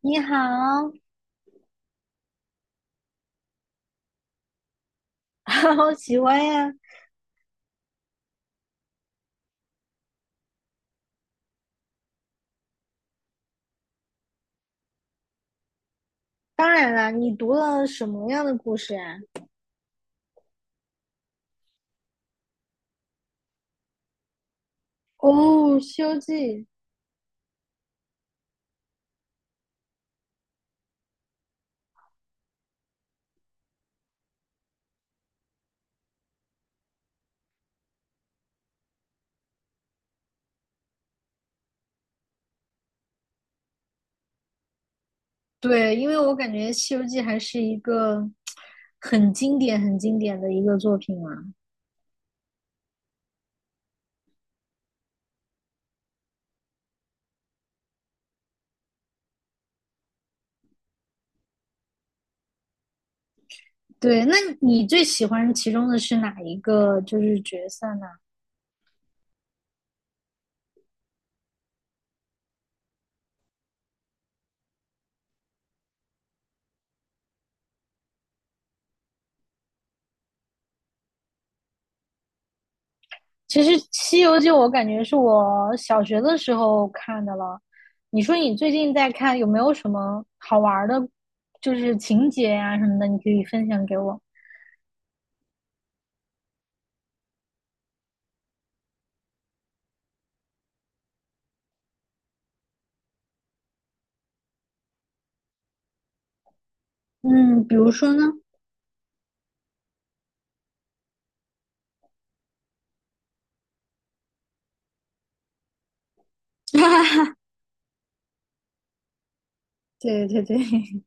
你好，好喜欢呀！当然啦，你读了什么样的故事啊？哦，《西游记》。对，因为我感觉《西游记》还是一个很经典、很经典的一个作品嘛。对，那你最喜欢其中的是哪一个就是角色呢？其实《西游记》我感觉是我小学的时候看的了。你说你最近在看，有没有什么好玩儿的，就是情节呀、什么的，你可以分享给我。嗯，比如说呢？对对对，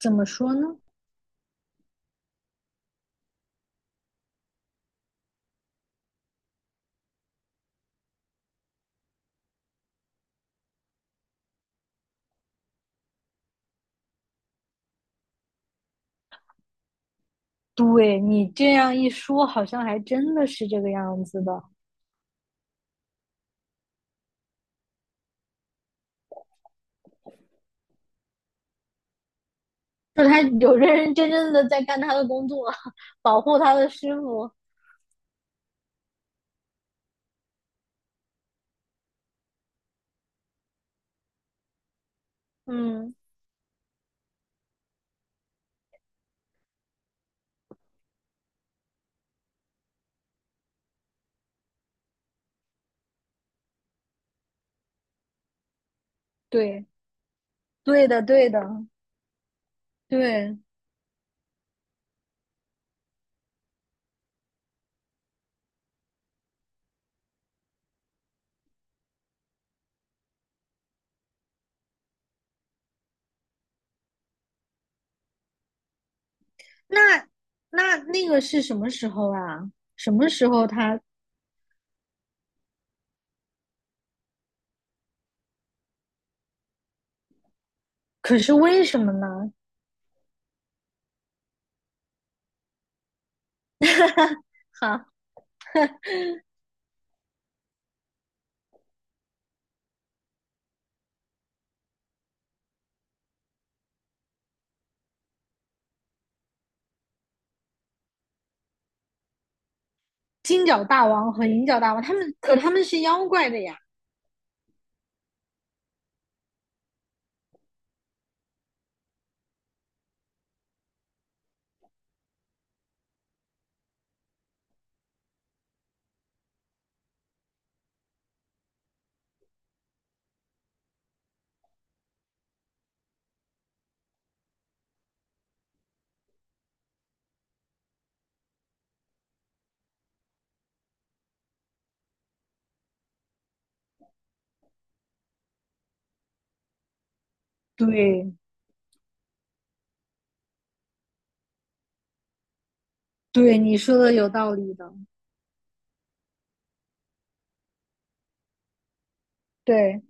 怎么说呢？对你这样一说，好像还真的是这个样子的。就他有认认真真的在干他的工作，保护他的师傅。嗯，对，对的，对的，对。那那个是什么时候啊？什么时候他？可是为什么呢？哈，金角大王和银角大王，他们是妖怪的呀。对，对，你说的有道理的。对，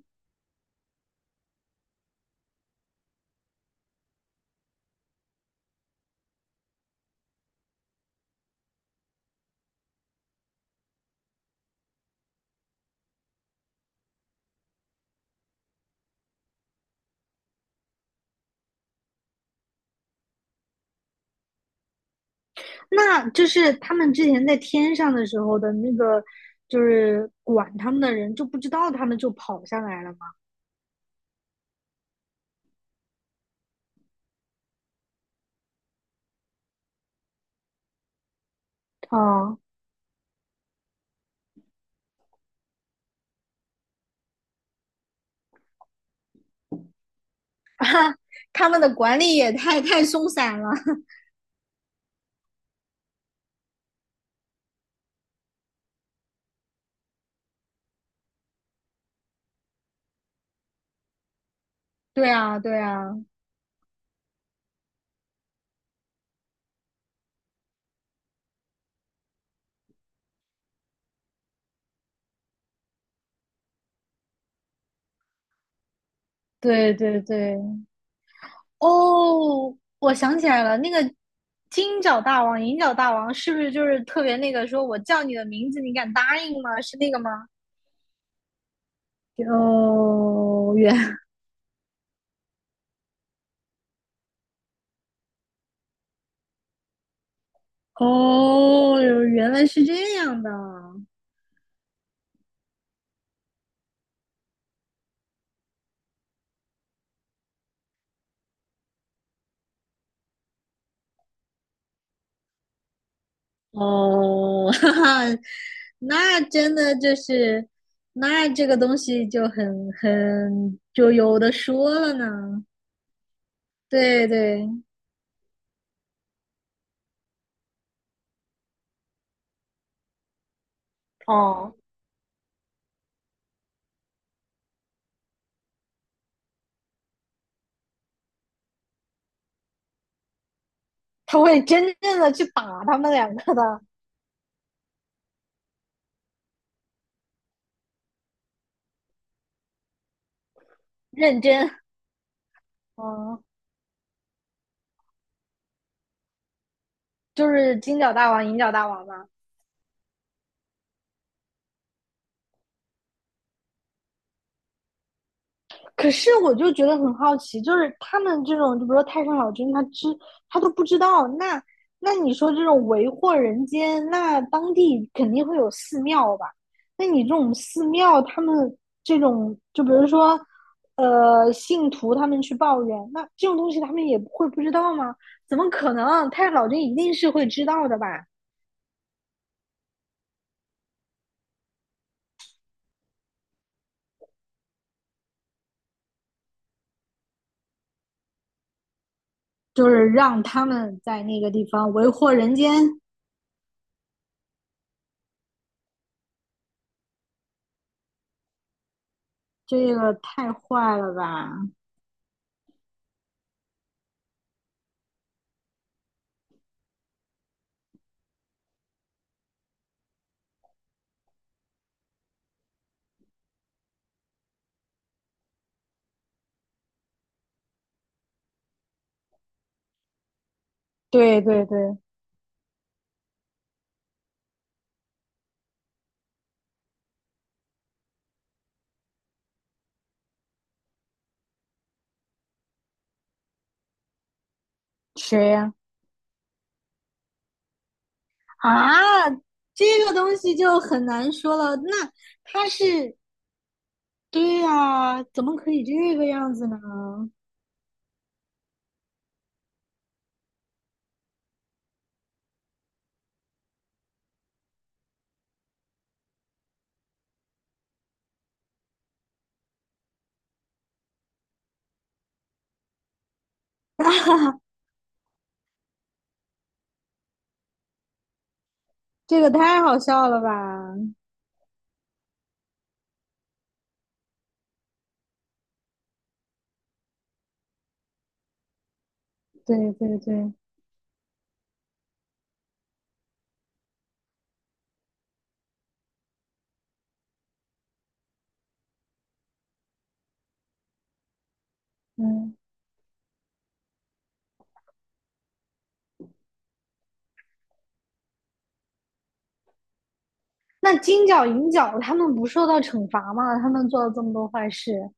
那就是他们之前在天上的时候的那个，就是管他们的人就不知道他们就跑下来了吗？哦，他们的管理也太松散了。对啊，对啊，对对对。哦，我想起来了，那个金角大王、银角大王是不是就是特别那个说我叫你的名字，你敢答应吗？是那个吗？哦，哦，原来是这样的。哦，哈哈，那真的就是，那这个东西就很就有的说了呢。对对，哦，他会真正的去打他们两个的，认真。哦，就是金角大王、银角大王嘛。可是我就觉得很好奇，就是他们这种，就比如说太上老君，他都不知道。那你说这种为祸人间，那当地肯定会有寺庙吧？那你这种寺庙，他们这种，就比如说，信徒他们去抱怨，那这种东西他们也会不知道吗？怎么可能？太上老君一定是会知道的吧？就是让他们在那个地方为祸人间，这个太坏了吧？对对对，谁呀、啊，这个东西就很难说了。那他是，对呀，怎么可以这个样子呢？这个太好笑了吧？对对对，嗯。那金角银角他们不受到惩罚吗？他们做了这么多坏事，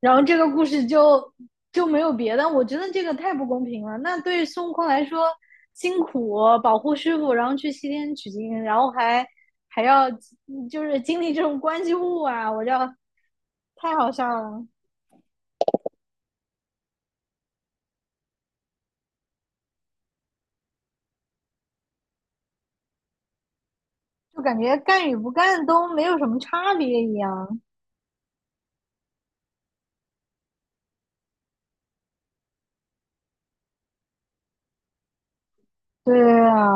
然后这个故事就没有别的。我觉得这个太不公平了。那对孙悟空来说，辛苦保护师傅，然后去西天取经，然后还要就是经历这种关系户啊，我要太好笑了，就感觉干与不干都没有什么差别一样。对啊，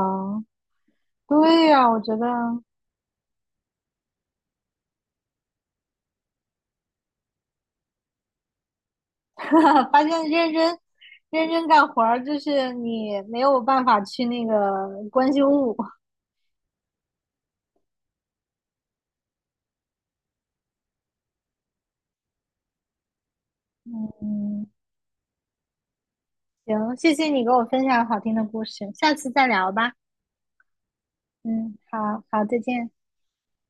对呀，我觉得 发现认真干活儿，就是你没有办法去那个关心物。嗯，行，谢谢你给我分享好听的故事，下次再聊吧。嗯，好好，再见。